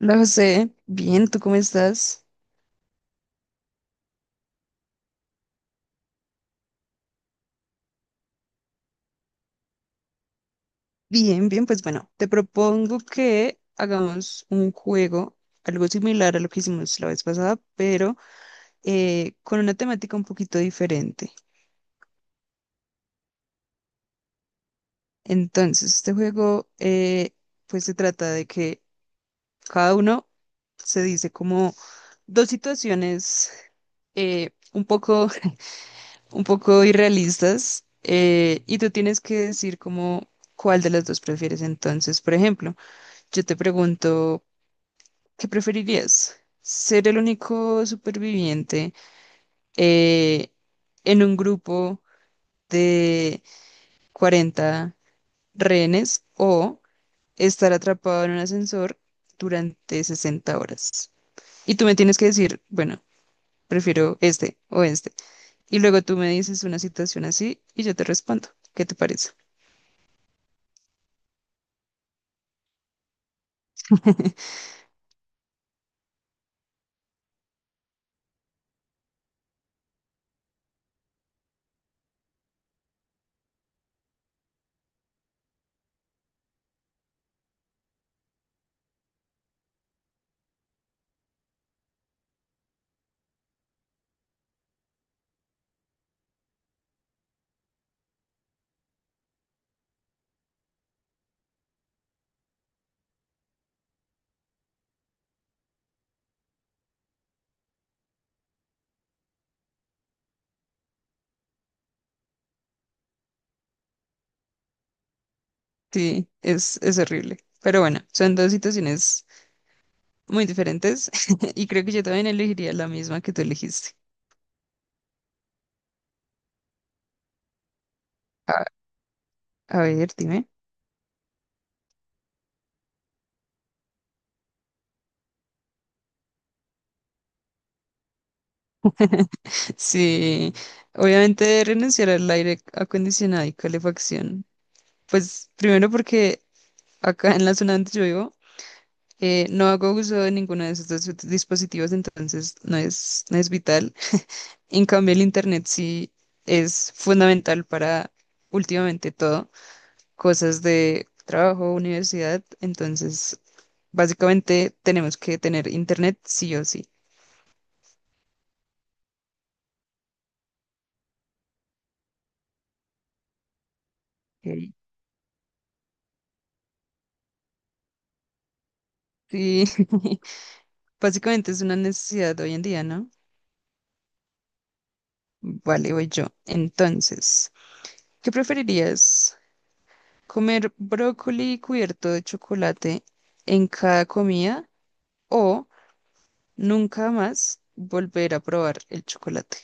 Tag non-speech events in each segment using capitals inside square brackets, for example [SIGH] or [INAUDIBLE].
Hola José, bien, ¿tú cómo estás? Bien, bien, pues bueno, te propongo que hagamos un juego, algo similar a lo que hicimos la vez pasada, pero con una temática un poquito diferente. Entonces, este juego pues se trata de que cada uno se dice como dos situaciones un poco, [LAUGHS] un poco irrealistas y tú tienes que decir como cuál de las dos prefieres. Entonces, por ejemplo. Yo te pregunto, ¿qué preferirías? ¿Ser el único superviviente eh, en un grupo de 40 rehenes o estar atrapado en un ascensor durante 60 horas? Y tú me tienes que decir, bueno, prefiero este o este. Y luego tú me dices una situación así y yo te respondo. ¿Qué te parece? Sí, es horrible. Pero bueno, son dos situaciones muy diferentes [LAUGHS] y creo que yo también elegiría la misma que tú elegiste. A, a ver, dime. Sí, obviamente renunciar al aire acondicionado y calefacción. Pues primero porque acá en la zona donde yo vivo no hago uso de ninguno de esos dos dispositivos, entonces no es, no es vital. En cambio, el internet sí es fundamental para últimamente todo, cosas de trabajo, universidad, entonces básicamente tenemos que tener internet sí o sí. Ok. Sí, [LAUGHS] básicamente es una necesidad de hoy en día, ¿no? Vale, voy yo. Entonces, ¿qué preferirías? ¿Comer brócoli cubierto de chocolate en cada comida o nunca más volver a probar el chocolate?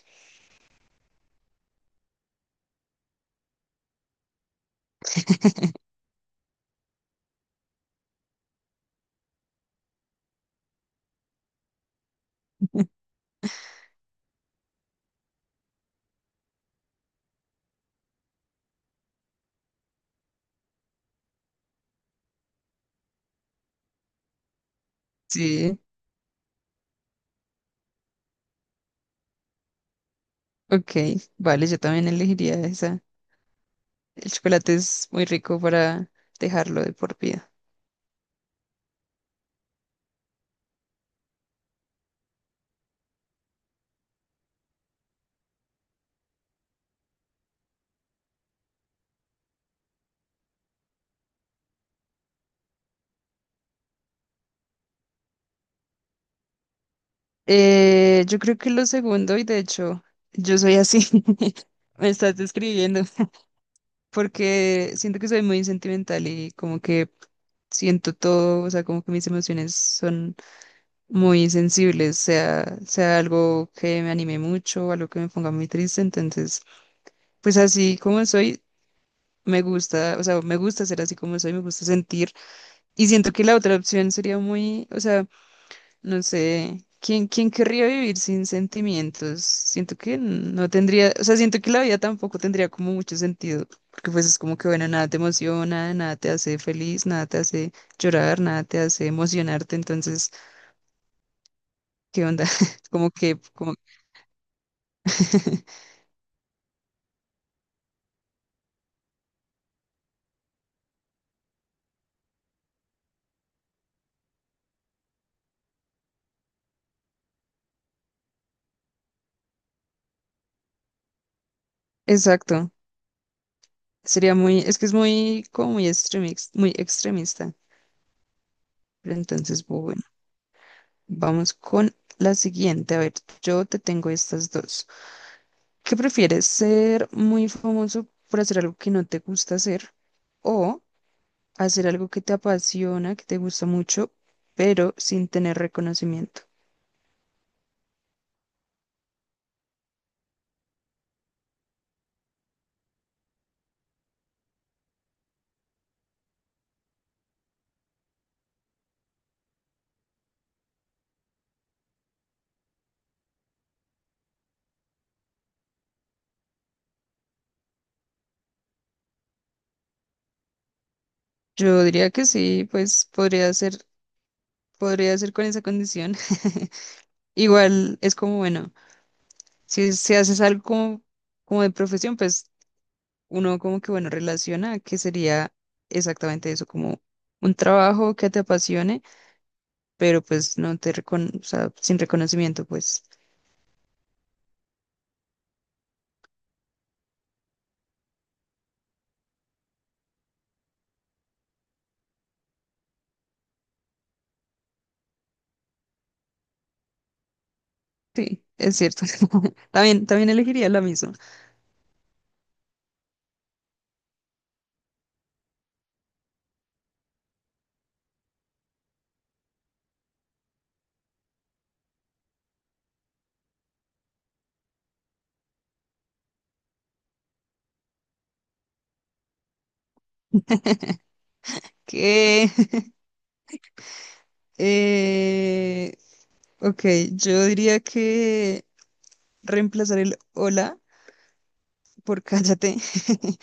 Sí, ok, vale, yo también elegiría esa. El chocolate es muy rico para dejarlo de por vida. Yo creo que lo segundo, y de hecho, yo soy así. [LAUGHS] Me estás describiendo. Porque siento que soy muy sentimental y como que siento todo, o sea, como que mis emociones son muy sensibles, sea, sea algo que me anime mucho, algo que me ponga muy triste, entonces, pues así como soy, me gusta, o sea, me gusta ser así como soy, me gusta sentir y siento que la otra opción sería muy, o sea, no sé, ¿quién, quién querría vivir sin sentimientos? Siento que no tendría, o sea, siento que la vida tampoco tendría como mucho sentido, porque pues es como que, bueno, nada te emociona, nada te hace feliz, nada te hace llorar, nada te hace emocionarte, entonces, ¿qué onda? [LAUGHS] Como que, como... [LAUGHS] Exacto, sería muy, es que es muy, como muy extremista, pero entonces, bueno, vamos con la siguiente, a ver, yo te tengo estas dos. ¿Qué prefieres? ¿Ser muy famoso por hacer algo que no te gusta hacer o hacer algo que te apasiona, que te gusta mucho, pero sin tener reconocimiento? Yo diría que sí, pues podría ser con esa condición. [LAUGHS] Igual es como, bueno, si, si haces algo como, como de profesión, pues uno como que, bueno, relaciona que sería exactamente eso, como un trabajo que te apasione, pero pues no te recon, o sea, sin reconocimiento, pues. Sí, es cierto. [LAUGHS] También, también elegiría la misma. Que, [LAUGHS] eh, ok, yo diría que reemplazar el hola por cállate, [LAUGHS]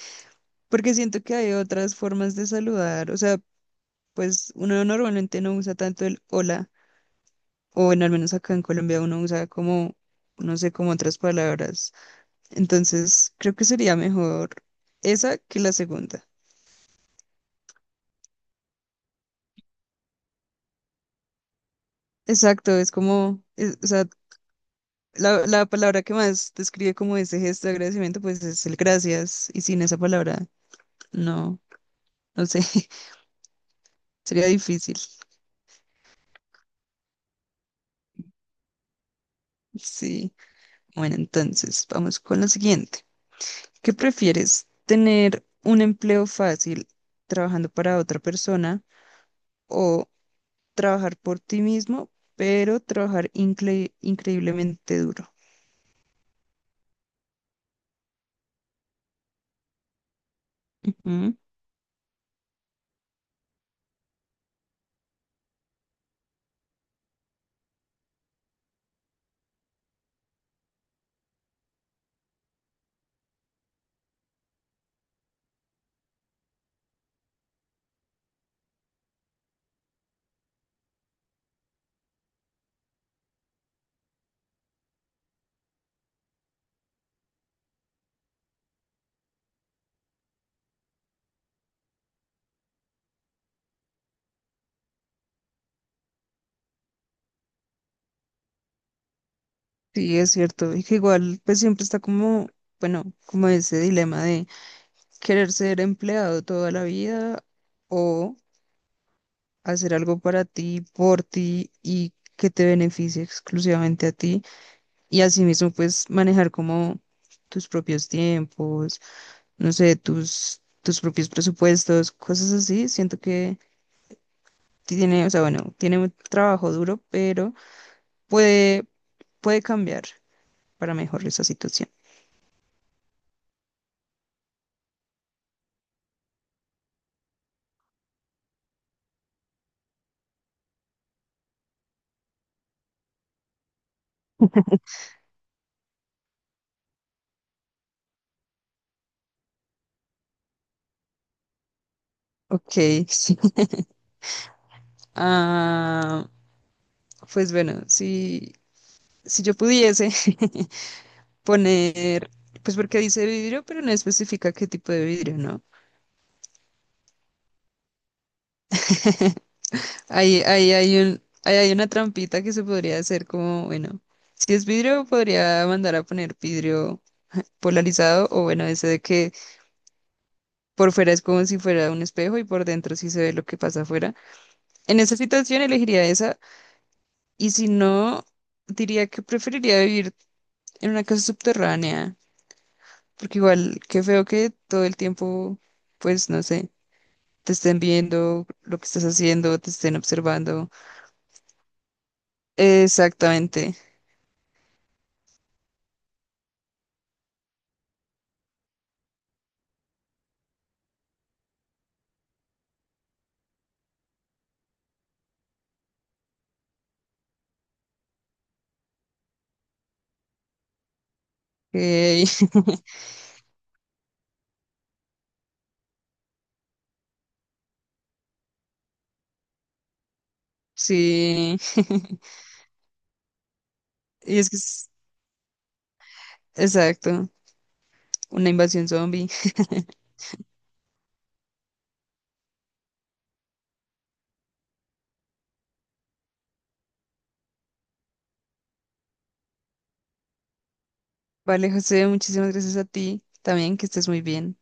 porque siento que hay otras formas de saludar. O sea, pues uno normalmente no usa tanto el hola, o bueno, al menos acá en Colombia uno usa como, no sé, como otras palabras. Entonces, creo que sería mejor esa que la segunda. Exacto, es como, es- o sea, la palabra que más describe como ese gesto de agradecimiento, pues es el gracias. Y sin esa palabra, no, no sé, [LAUGHS] sería difícil. Sí. Bueno, entonces, vamos con lo siguiente. ¿Qué prefieres? ¿Tener un empleo fácil trabajando para otra persona o trabajar por ti mismo, pero trabajar increíblemente duro? Ujú. Sí, es cierto. Y que igual, pues siempre está como, bueno, como ese dilema de querer ser empleado toda la vida o hacer algo para ti, por ti y que te beneficie exclusivamente a ti y asimismo pues manejar como tus propios tiempos, no sé, tus, tus propios presupuestos, cosas así. Siento que tiene, o sea, bueno, tiene un trabajo duro, pero puede, puede cambiar para mejorar esa situación. Ok, [LAUGHS] sí. Ah, pues bueno, si, si yo pudiese [LAUGHS] poner, pues porque dice vidrio, pero no especifica qué tipo de vidrio, ¿no? [LAUGHS] Ahí, ahí hay un, ahí hay una trampita que se podría hacer como, bueno, si es vidrio, podría mandar a poner vidrio polarizado o bueno, ese de que por fuera es como si fuera un espejo y por dentro sí se ve lo que pasa afuera. En esa situación elegiría esa y si no, diría que preferiría vivir en una casa subterránea, porque igual, qué feo que todo el tiempo, pues no sé. Te estén viendo lo que estás haciendo, te estén observando. Exactamente. Ey, [LAUGHS] sí. [LAUGHS] Y es que es exacto, una invasión zombie. Vale, José, muchísimas gracias a ti también, que estés muy bien.